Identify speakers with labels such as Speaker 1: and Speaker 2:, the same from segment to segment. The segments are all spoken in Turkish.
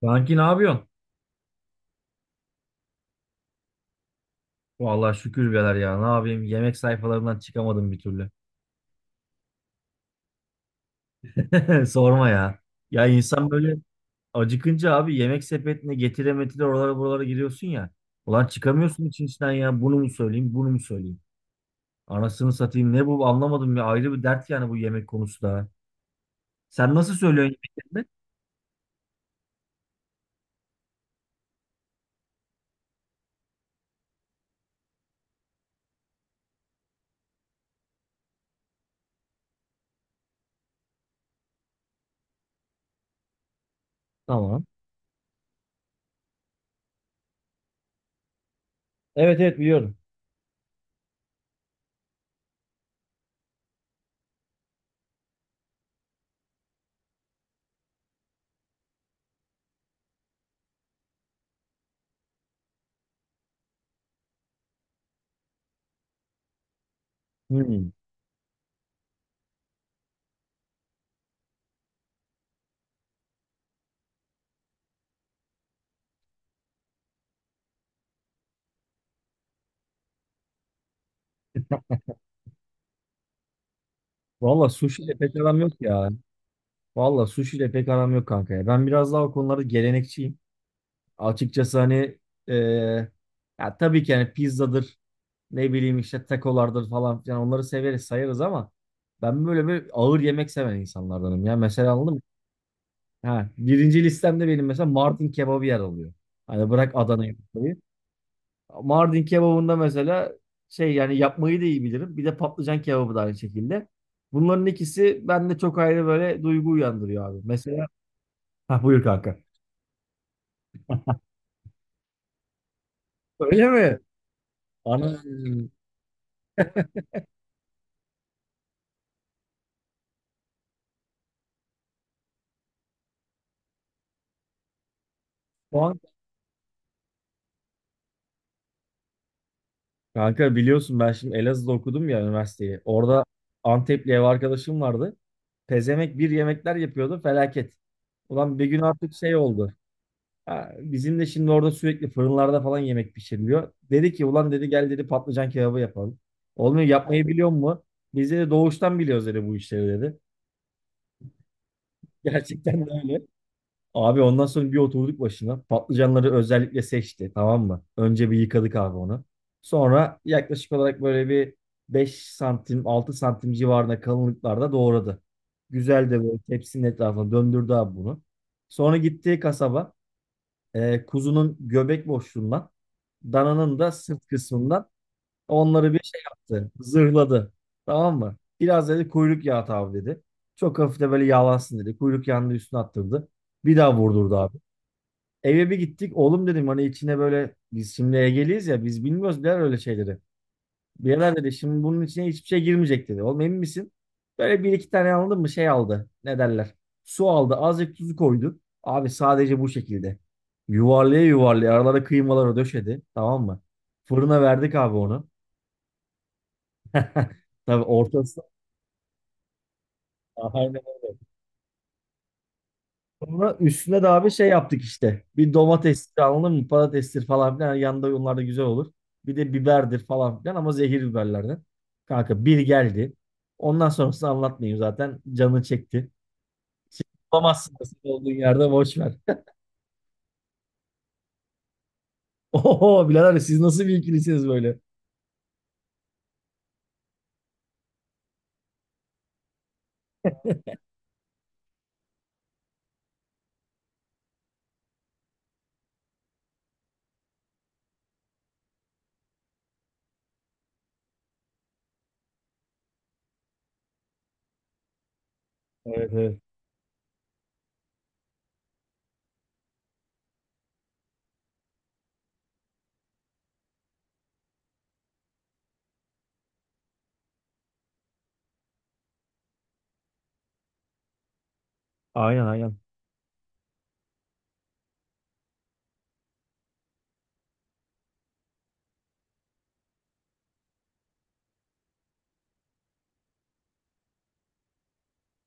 Speaker 1: Kanki ne yapıyorsun? Vallahi şükür birader ya. Ne yapayım? Yemek sayfalarından çıkamadım bir türlü. Sorma ya. Ya insan böyle acıkınca abi yemek sepetine getire metire oralara buralara giriyorsun ya. Ulan çıkamıyorsun için içinden ya. Bunu mu söyleyeyim, bunu mu söyleyeyim? Anasını satayım. Ne bu anlamadım ya. Ayrı bir dert yani bu yemek konusu da. Sen nasıl söylüyorsun yemeklerini? Tamam. Evet evet biliyorum. Hmm. Valla sushi ile pek aram yok ya. Valla sushi ile pek aram yok kanka ya. Ben biraz daha o konularda gelenekçiyim. Açıkçası hani e, ya tabii ki hani pizzadır, ne bileyim işte takolardır falan filan, onları severiz sayarız ama ben böyle bir ağır yemek seven insanlardanım ya. Mesela anladın mı? Ha, birinci listemde benim mesela Mardin kebabı yer alıyor. Hani bırak Adana'yı, Bursa'yı. Mardin kebabında mesela şey, yani yapmayı da iyi bilirim. Bir de patlıcan kebabı da aynı şekilde. Bunların ikisi bende çok ayrı böyle duygu uyandırıyor abi. Mesela ha, buyur kanka. Öyle mi? Ana. Şu an kanka, biliyorsun ben şimdi Elazığ'da okudum ya üniversiteyi. Orada Antepli ev arkadaşım vardı. Pezemek bir yemekler yapıyordu felaket. Ulan bir gün artık şey oldu. Ha, bizim de şimdi orada sürekli fırınlarda falan yemek pişiriliyor. Dedi ki ulan, dedi gel, dedi patlıcan kebabı yapalım. Olmuyor, yapmayı biliyor mu? Biz de doğuştan biliyoruz dedi, bu işleri dedi. Gerçekten de öyle. Abi ondan sonra bir oturduk başına. Patlıcanları özellikle seçti, tamam mı? Önce bir yıkadık abi onu. Sonra yaklaşık olarak böyle bir 5 santim 6 santim civarında kalınlıklarda doğradı. Güzel de böyle tepsinin etrafına döndürdü abi bunu. Sonra gittiği kasaba kuzunun göbek boşluğundan, dananın da sırt kısmından onları bir şey yaptı. Zırhladı. Tamam mı? Biraz dedi kuyruk yağı at abi dedi. Çok hafif de böyle yağlansın dedi. Kuyruk yağını da üstüne attırdı. Bir daha vurdurdu abi. Eve bir gittik. Oğlum dedim hani içine böyle, biz şimdi Ege'liyiz ya, biz bilmiyoruz der öyle şeyleri. Birader dedi şimdi bunun içine hiçbir şey girmeyecek dedi. Oğlum emin misin? Böyle bir iki tane aldım mı, şey aldı. Ne derler? Su aldı. Azıcık tuzu koydu. Abi sadece bu şekilde. Yuvarlaya yuvarlaya aralara kıymaları döşedi. Tamam mı? Fırına verdik abi onu. Tabii ortası. Aynen öyle. Sonra üstüne de abi şey yaptık işte. Bir domatestir anladın mı? Patatestir falan filan. Yanında onlar da güzel olur. Bir de biberdir falan filan, ama zehir biberlerden. Kanka bir geldi. Ondan sonrasını anlatmayayım zaten. Canı çekti. Şimdi bulamazsın nasıl olduğun yerde, boş ver. Oho birader, siz nasıl bir ikilisiniz böyle? Evet evet. Aynen aynen.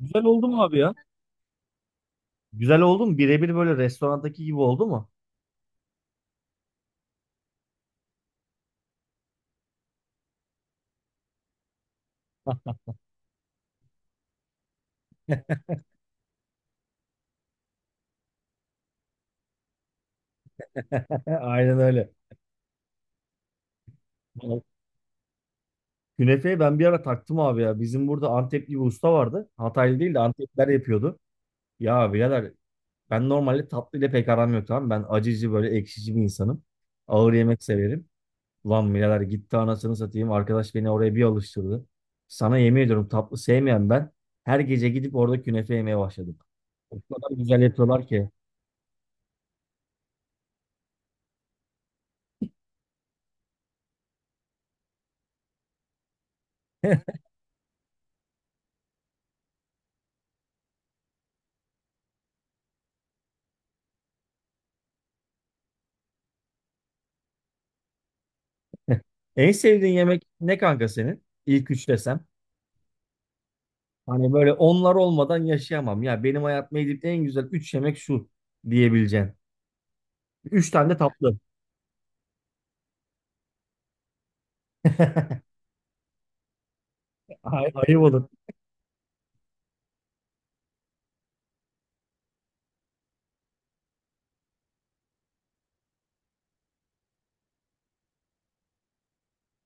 Speaker 1: Güzel oldu mu abi ya? Güzel oldu mu? Birebir böyle restorandaki gibi oldu mu? Aynen öyle. Künefeyi ben bir ara taktım abi ya. Bizim burada Antepli bir usta vardı. Hataylı değil de Antepliler yapıyordu. Ya birader, ben normalde tatlı ile pek aram yok, tamam mı? Ben acıcı böyle ekşici bir insanım. Ağır yemek severim. Ulan birader gitti anasını satayım. Arkadaş beni oraya bir alıştırdı. Sana yemin ediyorum, tatlı sevmeyen ben her gece gidip orada künefe yemeye başladım. O kadar güzel yapıyorlar ki. En sevdiğin yemek ne kanka senin? İlk üç desem. Hani böyle onlar olmadan yaşayamam. Ya benim hayatımda yediğim en güzel 3 yemek şu diyebileceğin. 3 tane de tatlı. Ay, ayıp olur.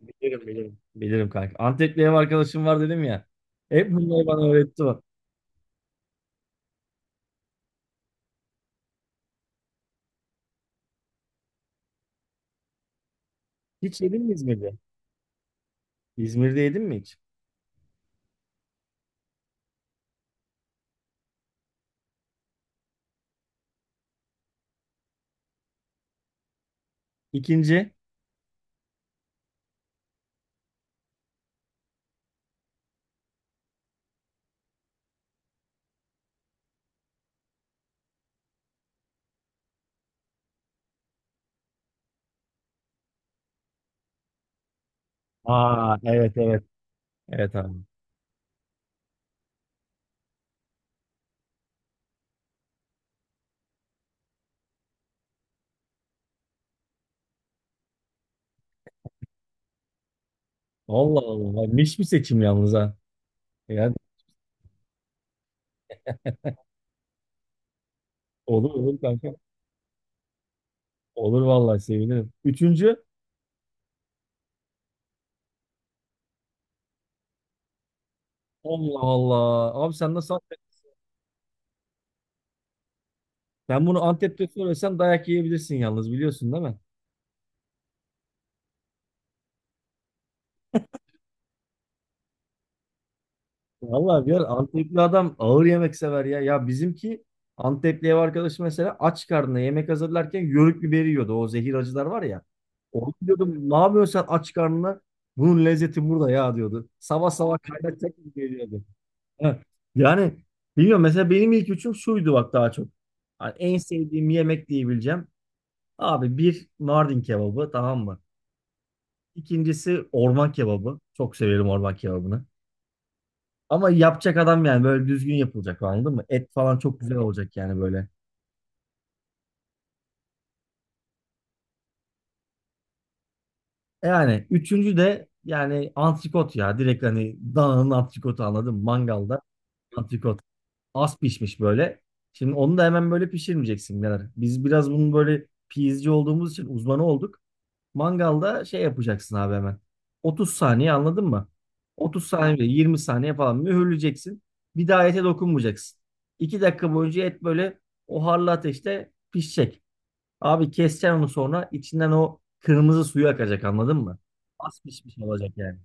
Speaker 1: Bilirim bilirim. Bilirim kanka. Antepli ev arkadaşım var dedim ya. Hep bunları bana öğretti o. Hiç yedin mi İzmir'de? İzmir'de yedin mi hiç? İkinci. Aa evet evet. Evet abi. Allah Allah. Ay, Niş bir seçim yalnız ha. Yani olur olur kanka. Olur vallahi sevinirim. Üçüncü. Allah Allah. Abi sen nasıl Antep? Ben bunu Antep'te söylesem dayak yiyebilirsin yalnız, biliyorsun değil mi? Vallahi bir Antepli adam ağır yemek sever ya. Ya bizimki, Antepli ev arkadaşı mesela aç karnına yemek hazırlarken yörük biberi yiyordu. O zehir acılar var ya. Onu diyordum ne yapıyorsun sen aç karnına? Bunun lezzeti burada ya diyordu. Sabah sabah kaynatacak gibi geliyordu. Heh. Yani bilmiyorum, mesela benim ilk üçüm şuydu bak daha çok. Hani en sevdiğim yemek diyebileceğim. Abi bir Mardin kebabı, tamam mı? İkincisi orman kebabı. Çok severim orman kebabını. Ama yapacak adam, yani böyle düzgün yapılacak anladın mı? Et falan çok güzel olacak yani böyle. E yani üçüncü de yani antrikot ya. Direkt hani dananın antrikotu anladın mı? Mangalda antrikot. Az pişmiş böyle. Şimdi onu da hemen böyle pişirmeyeceksin birader. Biz biraz bunun böyle pizci olduğumuz için uzmanı olduk. Mangalda şey yapacaksın abi hemen. 30 saniye anladın mı? 30 saniye, 20 saniye falan mühürleyeceksin. Bir daha ete dokunmayacaksın. 2 dakika boyunca et böyle o harlı ateşte pişecek. Abi keseceksin onu, sonra içinden o kırmızı suyu akacak anladın mı? Az pişmiş olacak yani.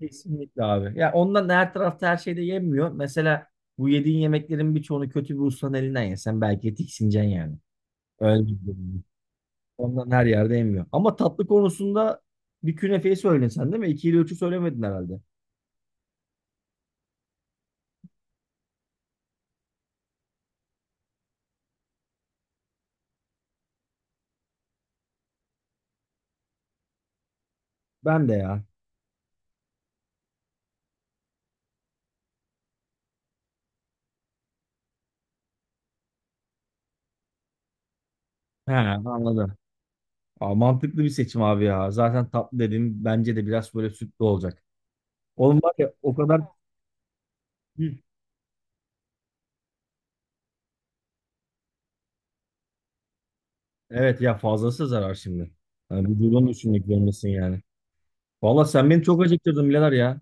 Speaker 1: Kesinlikle abi. Ya ondan da her tarafta her şey de yenmiyor. Mesela bu yediğin yemeklerin birçoğunu kötü bir ustanın elinden yesen belki tiksineceksin yani. Öyle bir durum. Ondan her yerde yemiyor. Ama tatlı konusunda bir künefeyi söyledin sen değil mi? 2 ile üçü söylemedin herhalde. Ben de ya. He, anladım. Aa, mantıklı bir seçim abi ya. Zaten tatlı dedim, bence de biraz böyle sütlü olacak. Oğlum var ya o kadar. Hı. Evet ya, fazlası zarar şimdi. Yani vücudunu düşünmek zorundasın yani. Valla sen beni çok acıktırdın birader ya.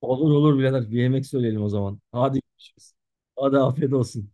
Speaker 1: Olur olur birader. Bir yemek söyleyelim o zaman. Hadi görüşürüz. Hadi afiyet olsun.